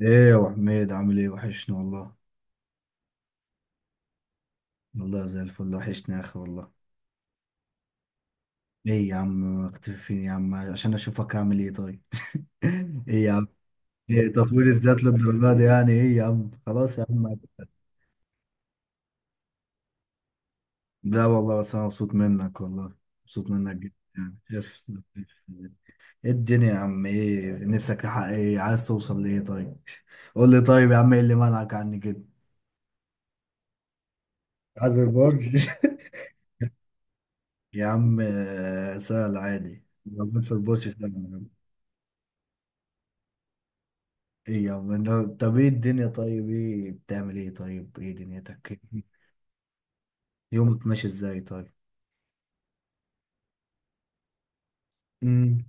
ايه يا ابو حميد، عامل ايه؟ وحشنا والله. والله زي الفل، وحشنا يا اخي والله. ايه يا عم؟ مختفي فين يا عم؟ عشان اشوفك عامل ايه؟ طيب. ايه يا عم؟ ايه تطوير الذات للدرجه دي؟ يعني ايه يا عم؟ خلاص يا عم. لا والله، بس انا مبسوط منك والله. مبسوط منك جدا يعني، شايف؟ ايه الدنيا يا عم؟ ايه نفسك تحقق؟ ايه عايز توصل لايه؟ طيب. قول لي طيب يا عم، ايه اللي منعك عني كده؟ عايز البورش. يا عم، سهل عادي، موجود في البورش، سهل. ايه يا عم؟ طب ايه الدنيا؟ طيب ايه بتعمل؟ ايه طيب ايه دنيتك؟ يومك ماشي ازاي؟ طيب. امم.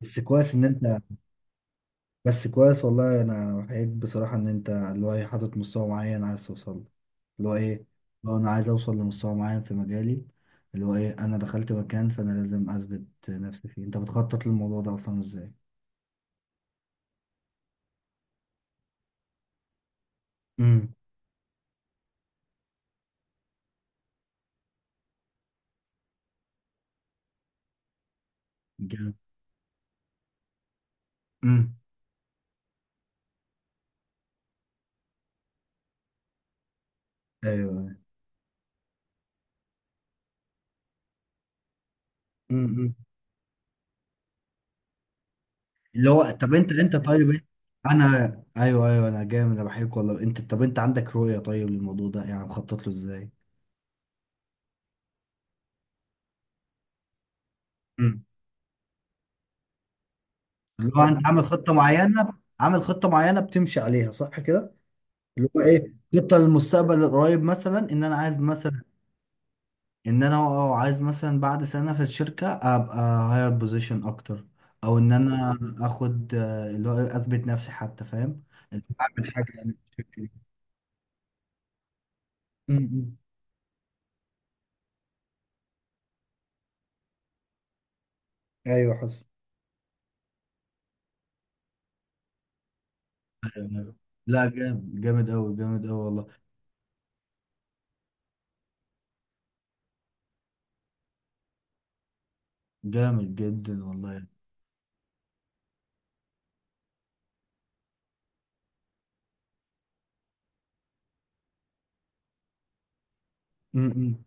بس كويس ان انت. بس كويس والله، انا بحييك بصراحة ان انت اللي هو ايه حاطط مستوى معين عايز توصل له. اللي هو ايه، لو انا عايز اوصل لمستوى معين في مجالي، اللي هو ايه، انا دخلت مكان فانا لازم اثبت نفسي فيه. انت بتخطط للموضوع ده اصلا ازاي؟ امم. جامد. امم. ايوه. امم. اللي هو طب انت طيب انا. ايوه ايوه، انا جامد، انا بحبك والله. انت طب، انت عندك رؤيه طيب للموضوع ده؟ يعني مخطط له ازاي؟ مم. اللي هو انت عامل خطه معينه. عامل خطه معينه بتمشي عليها، صح كده؟ اللي هو ايه، خطه للمستقبل القريب مثلا، ان انا عايز مثلا، ان انا عايز مثلا بعد سنه في الشركه ابقى هاير بوزيشن اكتر، او ان انا اخد اللي هو اثبت نفسي حتى، فاهم؟ اللي هو اعمل حاجه يعني في الشركة دي. م- م. ايوه حصل. يعني. لا، جامد جامد أوي، جامد أوي والله. جامد جدا والله يعني. م-م.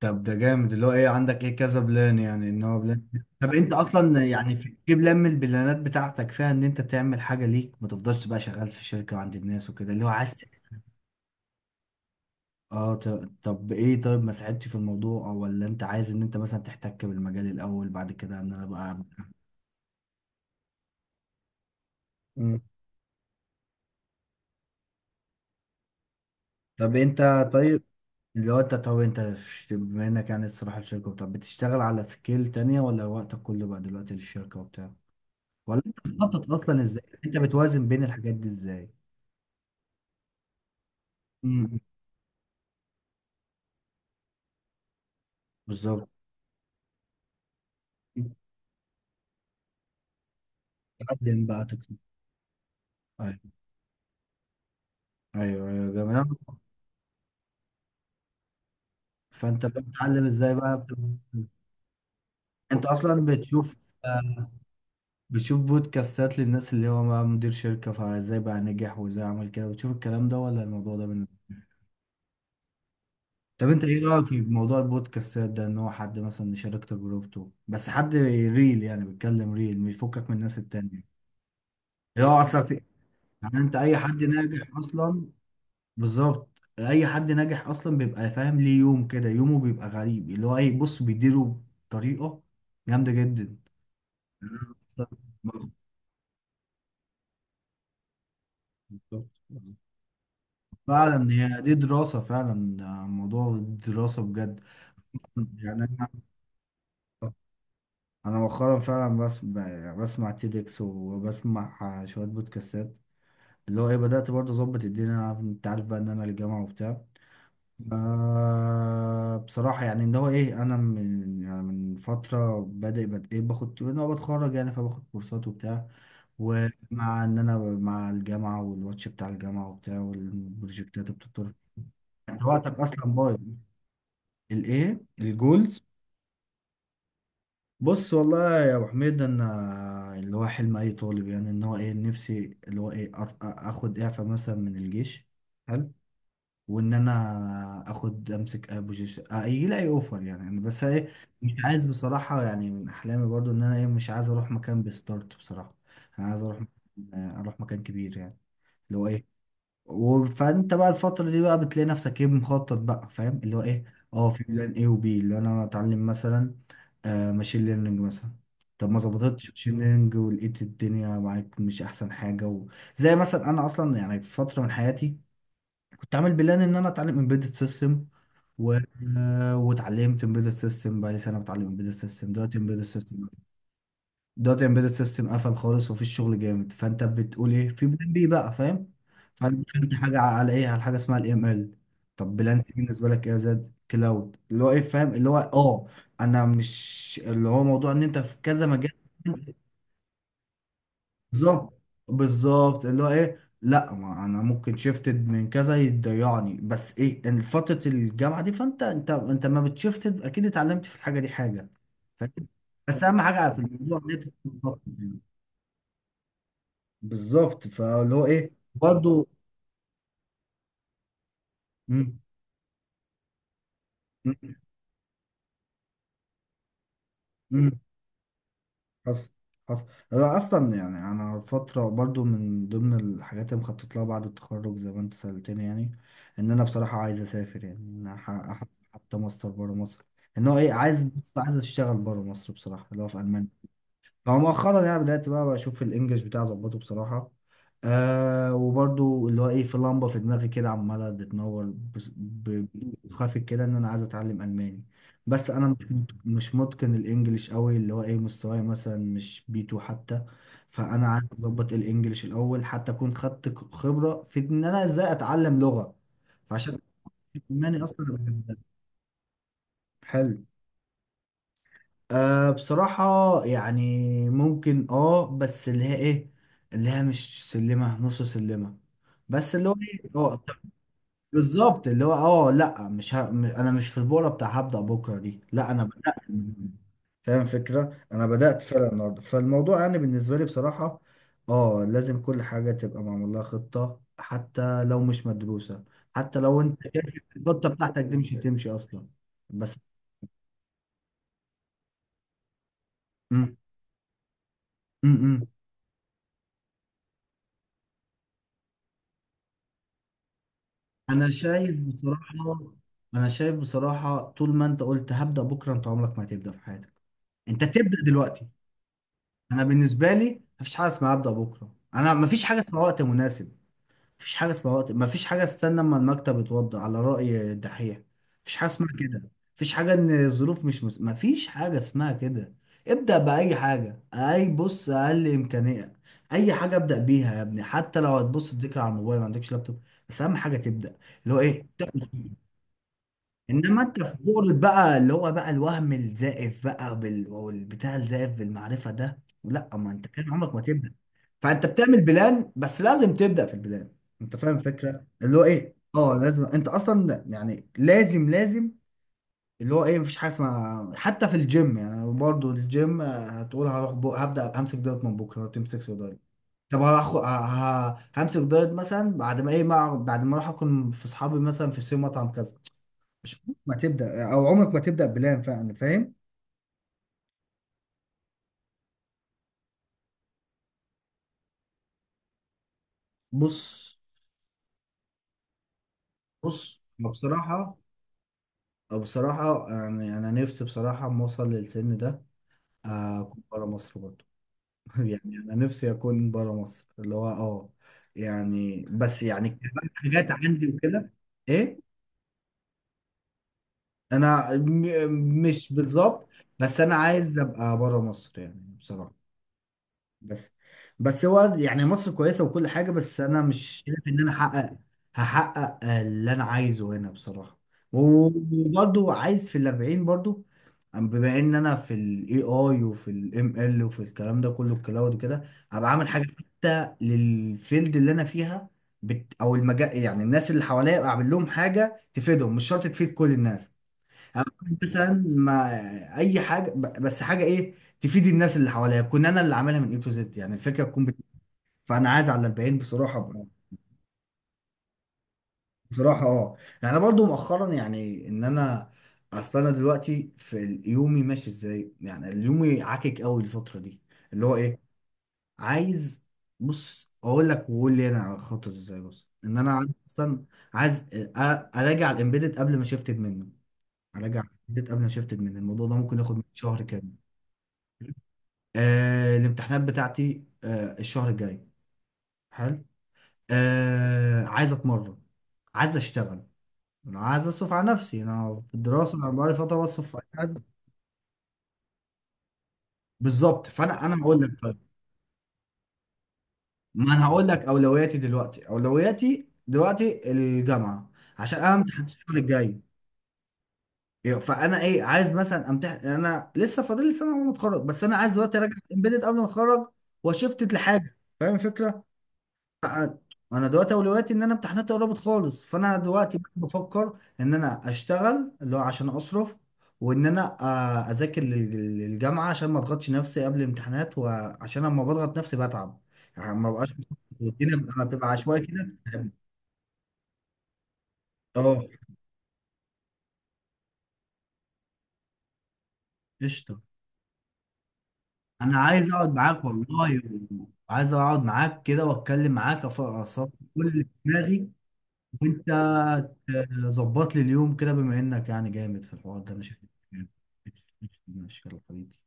طب ده جامد، اللي هو ايه، عندك ايه كذا بلان يعني، ان هو بلان. طب انت اصلا يعني، في بلان من البلانات بتاعتك فيها ان انت تعمل حاجة ليك، ما تفضلش بقى شغال في شركة وعند الناس وكده، اللي هو عايز. اه، طب ايه طيب، ما ساعدتش في الموضوع، او ولا انت عايز ان انت مثلا تحتك بالمجال الاول بعد كده ان انا بقى. مم. طب انت طيب. اللي هو انت طب انت بما انك يعني، الصراحة، الشركة، طب بتشتغل على سكيل تانية، ولا وقتك كله بقى دلوقتي للشركة وبتاع؟ ولا انت بتخطط اصلا ازاي؟ انت بتوازن بين الحاجات دي ازاي؟ امم. بالظبط. تقدم بقى تكتب. ايوه. ايوه ايوه، جميل. فانت بتتعلم ازاي بقى انت اصلا بتشوف. آه، بتشوف بودكاستات للناس اللي هو بقى مدير شركة، فازاي بقى نجح وازاي عمل كده؟ بتشوف الكلام ده ولا الموضوع ده بالنسبة؟ طب انت ايه رايك في موضوع البودكاستات ده، ان هو حد مثلا يشارك تجربته، بس حد ريل يعني، بيتكلم ريل مش يفكك من الناس التانية؟ اللي هو اصلا في. يعني انت، اي حد ناجح اصلا. بالظبط. اي حد ناجح اصلا بيبقى فاهم ليه يوم كده، يومه بيبقى غريب اللي هو ايه، بص بيديره بطريقه جامده جدا. بالظبط. فعلا، هي دي دراسه فعلا، ده موضوع دراسه بجد. يعني أنا. انا مؤخرا فعلا، بسمع تيدكس وبسمع شويه بودكاستات. اللي هو ايه، بدات برضه اظبط الدنيا، انا عارف انت عارف بقى ان انا الجامعه وبتاع. بصراحه يعني، اللي هو ايه، انا من يعني من فتره بادئ ايه باخد ان هو بتخرج يعني، فباخد كورسات وبتاع. ومع ان انا مع الجامعه والواتش بتاع الجامعه وبتاع والبروجكتات بتطور. يعني وقتك اصلا بايظ. الايه الجولز؟ بص والله يا ابو حميد، انا اللي هو حلم اي طالب يعني، ان هو ايه، نفسي اللي هو ايه اخد اعفاء مثلا من الجيش. حلو. وان انا اخد امسك اي بوزيشن يجي لي اي اوفر يعني، أنا بس ايه، مش عايز بصراحه يعني، من احلامي برضو ان انا ايه، مش عايز اروح مكان بستارت بصراحه. انا عايز اروح مكان كبير يعني، اللي هو ايه. فانت بقى الفترة دي بقى بتلاقي نفسك ايه، مخطط بقى، فاهم اللي هو ايه. اه، في بلان ايه وبي، اللي انا اتعلم مثلا، ماشين ليرنينج مثلا. طب ما ظبطتش ماشين ليرنينج ولقيت الدنيا معاك مش احسن حاجة و... زي مثلا، انا اصلا يعني، في فترة من حياتي كنت عامل بلان ان انا اتعلم امبيدد سيستم و... واتعلمت امبيدد سيستم بقى لي سنة بتعلم امبيدد سيستم، دلوقتي امبيدد سيستم قفل خالص ومفيش شغل جامد، فانت بتقول ايه في بلان بي بقى، فاهم. فانا دخلت حاجه على ايه، على حاجه اسمها الاي ام ال. طب بلان سي بالنسبه لك ايه يا زاد، كلاود، اللي هو ايه، فاهم اللي هو، اه. انا مش اللي هو، موضوع ان انت في كذا مجال. بالظبط. بالظبط، اللي هو ايه، لا ما انا ممكن شيفتد من كذا يضيعني، بس ايه ان فتره الجامعه دي فانت، انت ما بتشيفتد اكيد، اتعلمت في الحاجه دي حاجه، فاهم. بس اهم حاجه في الموضوع ان انت تتخطط. بالظبط، فاللي هو ايه برضو. مم. مم. مم. حصل. حصل. انا اصلا يعني، انا فتره برضو من ضمن الحاجات اللي مخطط لها بعد التخرج زي ما انت سالتني يعني، ان انا بصراحه عايز اسافر يعني، ان أنا حتى ماستر بره مصر، ان هو ايه عايز، عايز اشتغل بره مصر بصراحه، اللي هو، في المانيا. هو مؤخرا يعني، بدأت بقى بشوف الانجليش بتاعي اظبطه بصراحة. وبرضو اللي هو ايه، في لمبة في دماغي كده عمالة بتنور، بضوء خافت كده، ان انا عايز اتعلم الماني. بس انا مش متقن الانجليش قوي، اللي هو ايه، مستواي مثلا مش بي 2 حتى. فانا عايز اظبط الانجليش الاول، حتى اكون خدت خبرة في ان انا ازاي اتعلم لغة. فعشان الماني اصلا أنا بحبها. حلو. بصراحة. يعني، ممكن، بس اللي هي ايه، اللي هي مش سلمة، نص سلمة. بس اللي هو ايه، طب، بالظبط، اللي هو، لا مش انا مش في البورة بتاع هبدأ بكرة دي، لا انا بدأت النهاردة. فاهم فكرة؟ انا بدأت فعلا النهاردة، فالموضوع يعني بالنسبة لي بصراحة، اه، لازم كل حاجة تبقى معمول لها خطة، حتى لو مش مدروسة، حتى لو انت شايف الخطة بتاعتك دي مش هتمشي اصلا. بس. م -م -م. انا شايف بصراحه، انا شايف بصراحه، طول ما انت قلت هبدا بكره انت عمرك ما هتبدا في حياتك. انت تبدا دلوقتي. انا بالنسبه لي، مفيش حاجه اسمها ابدا بكره. انا مفيش حاجه اسمها وقت مناسب، مفيش حاجه اسمها وقت، مفيش حاجه استنى اما المكتب يتوضا على راي الدحيح، مفيش حاجه اسمها كده. مفيش حاجه ان الظروف مش مفيش حاجه اسمها كده. ابدا باي حاجه، اي، بص اقل امكانيه، اي حاجه ابدا بيها يا ابني، حتى لو هتبص تذاكر على الموبايل ما عندكش لابتوب. بس اهم حاجه تبدا، اللي هو ايه، انما انت في بورة بقى اللي هو بقى الوهم الزائف بقى والبتاع الزائف بالمعرفه ده، لا، ما انت كان عمرك ما تبدا. فانت بتعمل بلان، بس لازم تبدا في البلان. انت فاهم الفكره اللي هو ايه؟ اه لازم انت اصلا يعني، لازم. اللي هو ايه، مفيش حاجه اسمها حتى في الجيم يعني، برضو الجيم هتقول هروح هبدا همسك دايت من بكره، ما تمسكش دايت. طب هاخد، همسك دايت مثلا بعد ما ايه بعد ما اروح اكل في اصحابي مثلا في سي مطعم كذا. مش عمرك ما تبدا، او عمرك ما تبدا بلان فعلا، فاهم؟ بص بص أنا بصراحه، أو بصراحه يعني، انا نفسي بصراحه اما اوصل للسن ده، اكون بره مصر برضه. يعني انا نفسي اكون بره مصر، اللي هو، اه، يعني، بس يعني كمان حاجات عندي وكده. ايه؟ انا مش بالظبط. بس انا عايز ابقى بره مصر يعني بصراحه. بس، بس هو يعني، مصر كويسة وكل حاجة، بس أنا مش شايف إن أنا أحقق، هحقق اللي أنا عايزه هنا بصراحة. وبرضه، عايز في الأربعين برضه، بما إن أنا في ال AI وفي ال ML وفي الكلام ده كله، الكلاود وكده، هبقى عامل حاجة حتى للفيلد اللي أنا فيها. بت، أو المجال يعني، الناس اللي حواليا أبقى أعمل لهم حاجة تفيدهم، مش شرط تفيد كل الناس. هعمل مثلا مع، اي حاجه، بس حاجه ايه، تفيد الناس اللي حواليا، كون انا اللي عاملها من اي تو زد يعني، الفكره تكون فانا عايز على البيان بصراحه بصراحه، اه. يعني انا برضو مؤخرا يعني ان انا، اصل انا دلوقتي في يومي ماشي ازاي يعني، يومي عاكك قوي الفتره دي، اللي هو ايه، عايز، بص اقول لك، وقول لي انا خطط ازاي، بص ان انا عايز اصلا، عايز اراجع الامبيدد قبل ما شفتد منه اراجع الامبيدد قبل ما شفتد منه، الموضوع ده ممكن ياخد مني شهر كامل. الامتحانات بتاعتي الشهر الجاي. حلو. عايز اتمرن، عايز اشتغل، انا عايز اصرف على نفسي، انا في الدراسه، انا بقالي فتره بصرف في أي حد. بالظبط، فانا هقول لك طيب، ما انا هقول لك اولوياتي دلوقتي الجامعه، عشان انا امتحان الشهر الجاي. فانا ايه، عايز مثلا امتحن، انا لسه فاضل لي سنه وانا متخرج، بس انا عايز دلوقتي اراجع امبيدد قبل ما اتخرج، وشفت لحاجه، فاهم الفكره؟ انا دلوقتي اولوياتي ان انا امتحاناتي قربت خالص، فانا دلوقتي بفكر ان انا اشتغل اللي هو عشان اصرف، وان انا اذاكر للجامعه عشان ما اضغطش نفسي قبل الامتحانات، وعشان لما بضغط نفسي بتعب، يعني ما بقاش الدنيا بتبقى عشوائي كده. اه. قشطه. انا عايز اقعد معاك والله، وعايز اقعد معاك كده واتكلم معاك، اصفي كل اللي في دماغي. وانت ظبط لي اليوم كده، بما انك يعني جامد في الحوار ده، مش، مش، مش- مش- حبيبي.